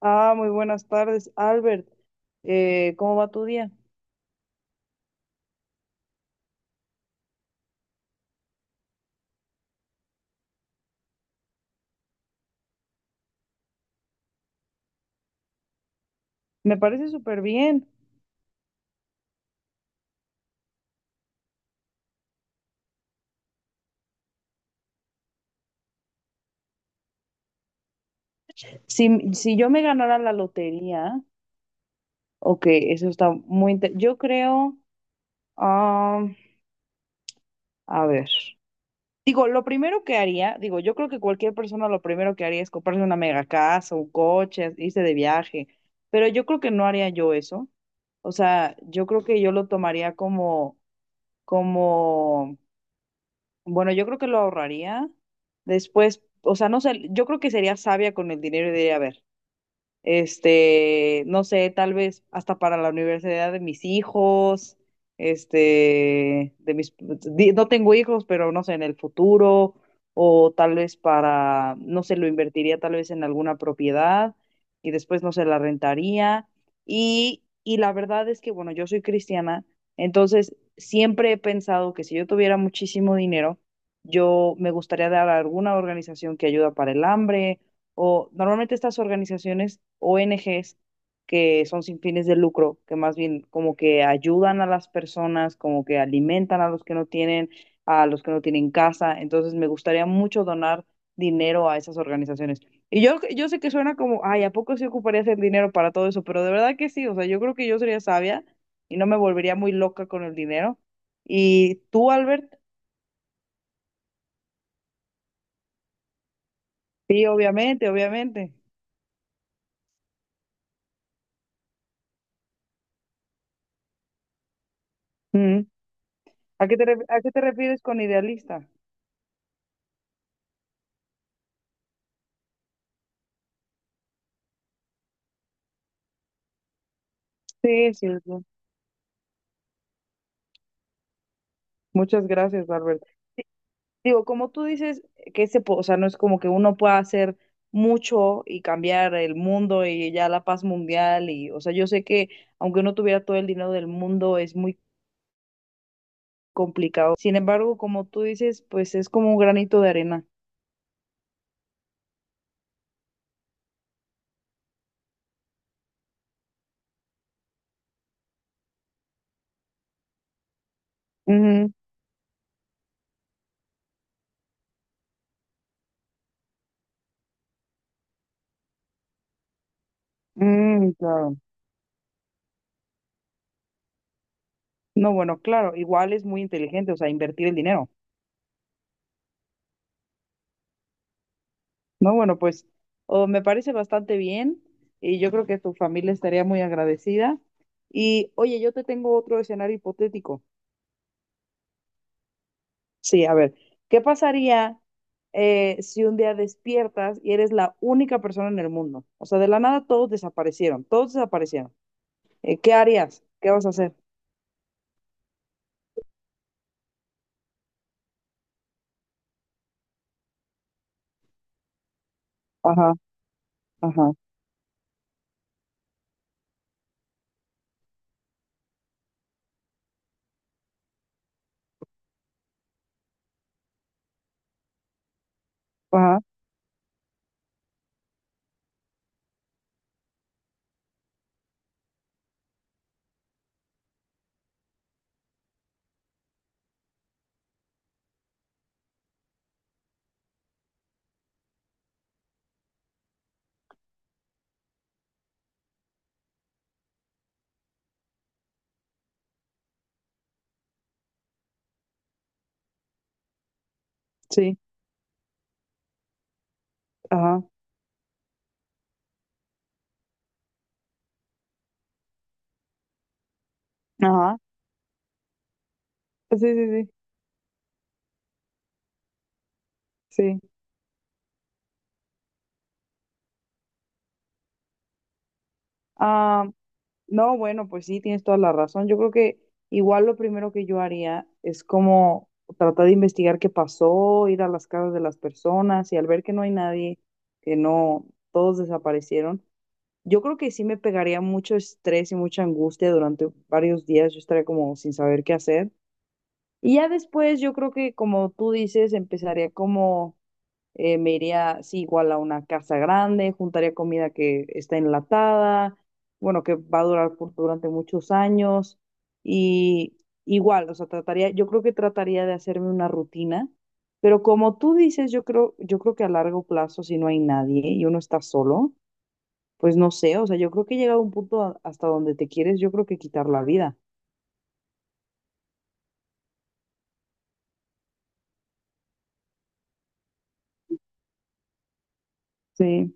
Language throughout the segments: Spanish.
Ah, muy buenas tardes, Albert. ¿Cómo va tu día? Me parece súper bien. Si yo me ganara la lotería, ok, eso está muy... inte- yo creo, ah, a ver, digo, lo primero que haría, digo, yo creo que cualquier persona lo primero que haría es comprarse una mega casa, un coche, irse de viaje, pero yo creo que no haría yo eso. O sea, yo creo que yo lo tomaría como, bueno, yo creo que lo ahorraría. Después, o sea, no sé, yo creo que sería sabia con el dinero y diría, a ver, no sé, tal vez hasta para la universidad de mis hijos, no tengo hijos, pero no sé, en el futuro, o tal vez para, no sé, lo invertiría tal vez en alguna propiedad y después, no sé, la rentaría. Y la verdad es que, bueno, yo soy cristiana, entonces siempre he pensado que si yo tuviera muchísimo dinero, yo me gustaría dar a alguna organización que ayuda para el hambre o normalmente estas organizaciones, ONGs, que son sin fines de lucro, que más bien como que ayudan a las personas, como que alimentan a los que no tienen, a los que no tienen casa. Entonces me gustaría mucho donar dinero a esas organizaciones. Yo sé que suena como, ay, ¿a poco sí ocuparías el dinero para todo eso? Pero de verdad que sí, o sea, yo creo que yo sería sabia y no me volvería muy loca con el dinero. ¿Y tú, Albert? Sí, obviamente, obviamente. Mm. ¿A qué te, a qué te refieres con idealista? Sí, sí, sí. Muchas gracias, Barbert. Digo, como tú dices, que o sea, no es como que uno pueda hacer mucho y cambiar el mundo y ya la paz mundial y, o sea, yo sé que aunque uno tuviera todo el dinero del mundo es muy complicado. Sin embargo, como tú dices, pues es como un granito de arena. Ujú. Mm, claro. No, bueno, claro, igual es muy inteligente, o sea, invertir el dinero. No, bueno, pues oh, me parece bastante bien y yo creo que tu familia estaría muy agradecida. Y oye, yo te tengo otro escenario hipotético. Sí, a ver, ¿qué pasaría si un día despiertas y eres la única persona en el mundo? O sea, de la nada todos desaparecieron, todos desaparecieron. ¿Qué harías? ¿Qué vas a hacer? Ajá, ajá, ajá, sí, ajá, ajá, sí, sí, sí, sí. Ah, no, bueno, pues sí, tienes toda la razón. Yo creo que igual lo primero que yo haría es como tratar de investigar qué pasó, ir a las casas de las personas y al ver que no hay nadie, que no, todos desaparecieron, yo creo que sí me pegaría mucho estrés y mucha angustia durante varios días. Yo estaría como sin saber qué hacer. Y ya después yo creo que como tú dices, empezaría como me iría, sí, igual a una casa grande, juntaría comida que está enlatada, bueno, que va a durar durante muchos años y igual, o sea, trataría, yo creo que trataría de hacerme una rutina, pero como tú dices, yo creo que a largo plazo, si no hay nadie y uno está solo, pues no sé, o sea, yo creo que he llegado a un punto hasta donde te quieres, yo creo que quitar la vida. Sí,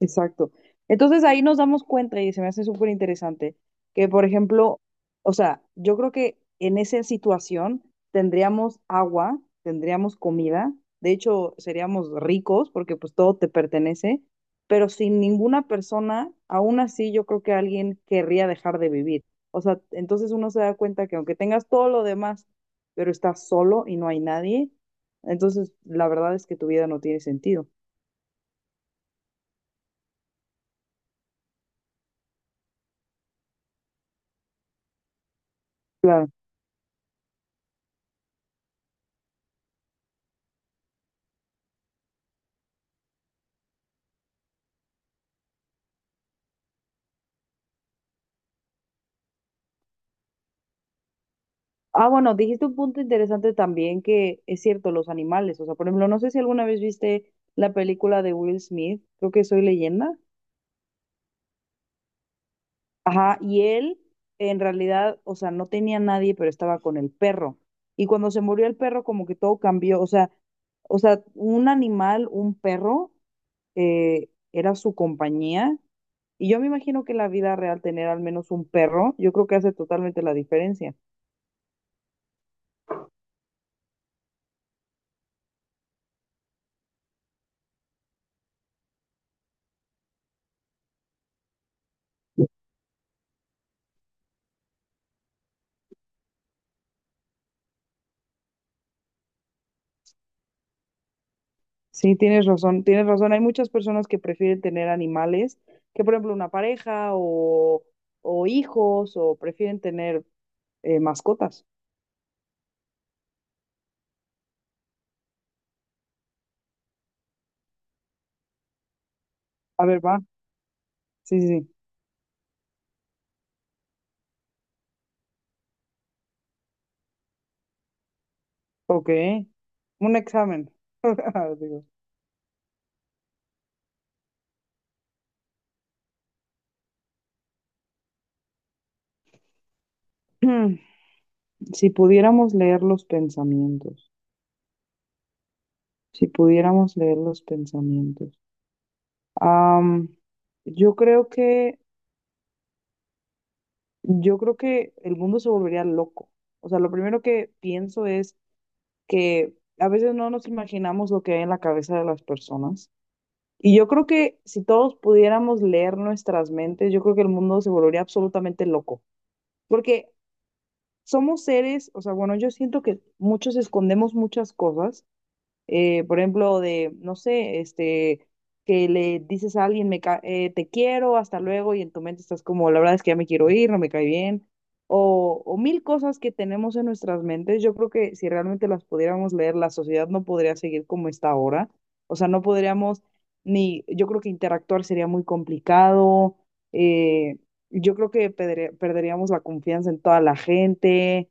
exacto. Entonces ahí nos damos cuenta y se me hace súper interesante que, por ejemplo, o sea, yo creo que en esa situación tendríamos agua, tendríamos comida, de hecho seríamos ricos porque pues todo te pertenece, pero sin ninguna persona, aún así yo creo que alguien querría dejar de vivir. O sea, entonces uno se da cuenta que aunque tengas todo lo demás, pero estás solo y no hay nadie, entonces la verdad es que tu vida no tiene sentido. Ah, bueno, dijiste un punto interesante también que es cierto, los animales. O sea, por ejemplo, no sé si alguna vez viste la película de Will Smith, creo que Soy Leyenda. Ajá, y él en realidad, o sea, no tenía nadie, pero estaba con el perro. Y cuando se murió el perro, como que todo cambió. O sea, un animal, un perro, era su compañía. Y yo me imagino que en la vida real tener al menos un perro, yo creo que hace totalmente la diferencia. Sí, tienes razón, tienes razón. Hay muchas personas que prefieren tener animales, que por ejemplo una pareja o hijos, o prefieren tener mascotas. A ver, va. Sí, sí, sí. Ok. Un examen. Digo. Mm, si pudiéramos leer los pensamientos, si pudiéramos leer los pensamientos. Am, yo creo que, yo creo que el mundo se volvería loco. O sea, lo primero que pienso es que a veces no nos imaginamos lo que hay en la cabeza de las personas. Y yo creo que si todos pudiéramos leer nuestras mentes, yo creo que el mundo se volvería absolutamente loco, porque somos seres, o sea, bueno, yo siento que muchos escondemos muchas cosas por ejemplo, de, no sé, que le dices a alguien, te quiero, hasta luego, y en tu mente estás como, la verdad es que ya me quiero ir, no me cae bien, o mil cosas que tenemos en nuestras mentes. Yo creo que si realmente las pudiéramos leer, la sociedad no podría seguir como está ahora. O sea, no podríamos ni, yo creo que interactuar sería muy complicado. eh, yo creo que perderíamos la confianza en toda la gente.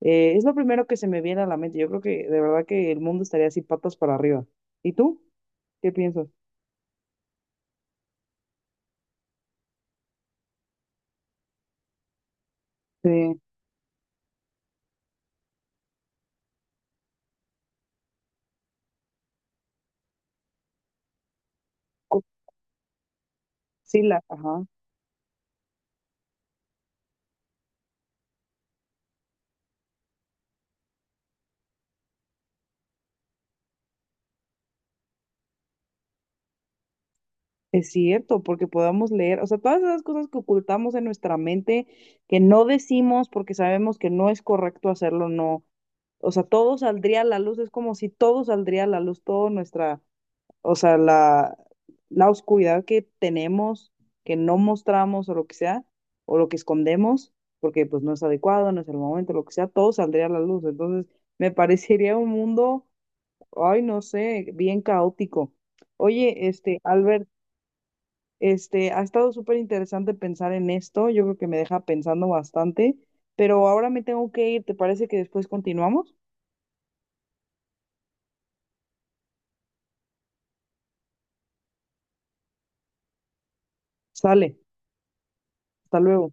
Es lo primero que se me viene a la mente. Yo creo que de verdad que el mundo estaría así patas para arriba. ¿Y tú? ¿Qué piensas? Sí, cu- sí, ajá. Es cierto, porque podamos leer, o sea, todas esas cosas que ocultamos en nuestra mente, que no decimos porque sabemos que no es correcto hacerlo, no. O sea, todo saldría a la luz, es como si todo saldría a la luz, toda nuestra o sea, la oscuridad que tenemos, que no mostramos o lo que sea, o lo que escondemos, porque pues no es adecuado, no es el momento, lo que sea, todo saldría a la luz. Entonces, me parecería un mundo, ay, no sé, bien caótico. Oye, este, Albert, este, ha estado súper interesante pensar en esto, yo creo que me deja pensando bastante, pero ahora me tengo que ir, ¿te parece que después continuamos? Sale, hasta luego.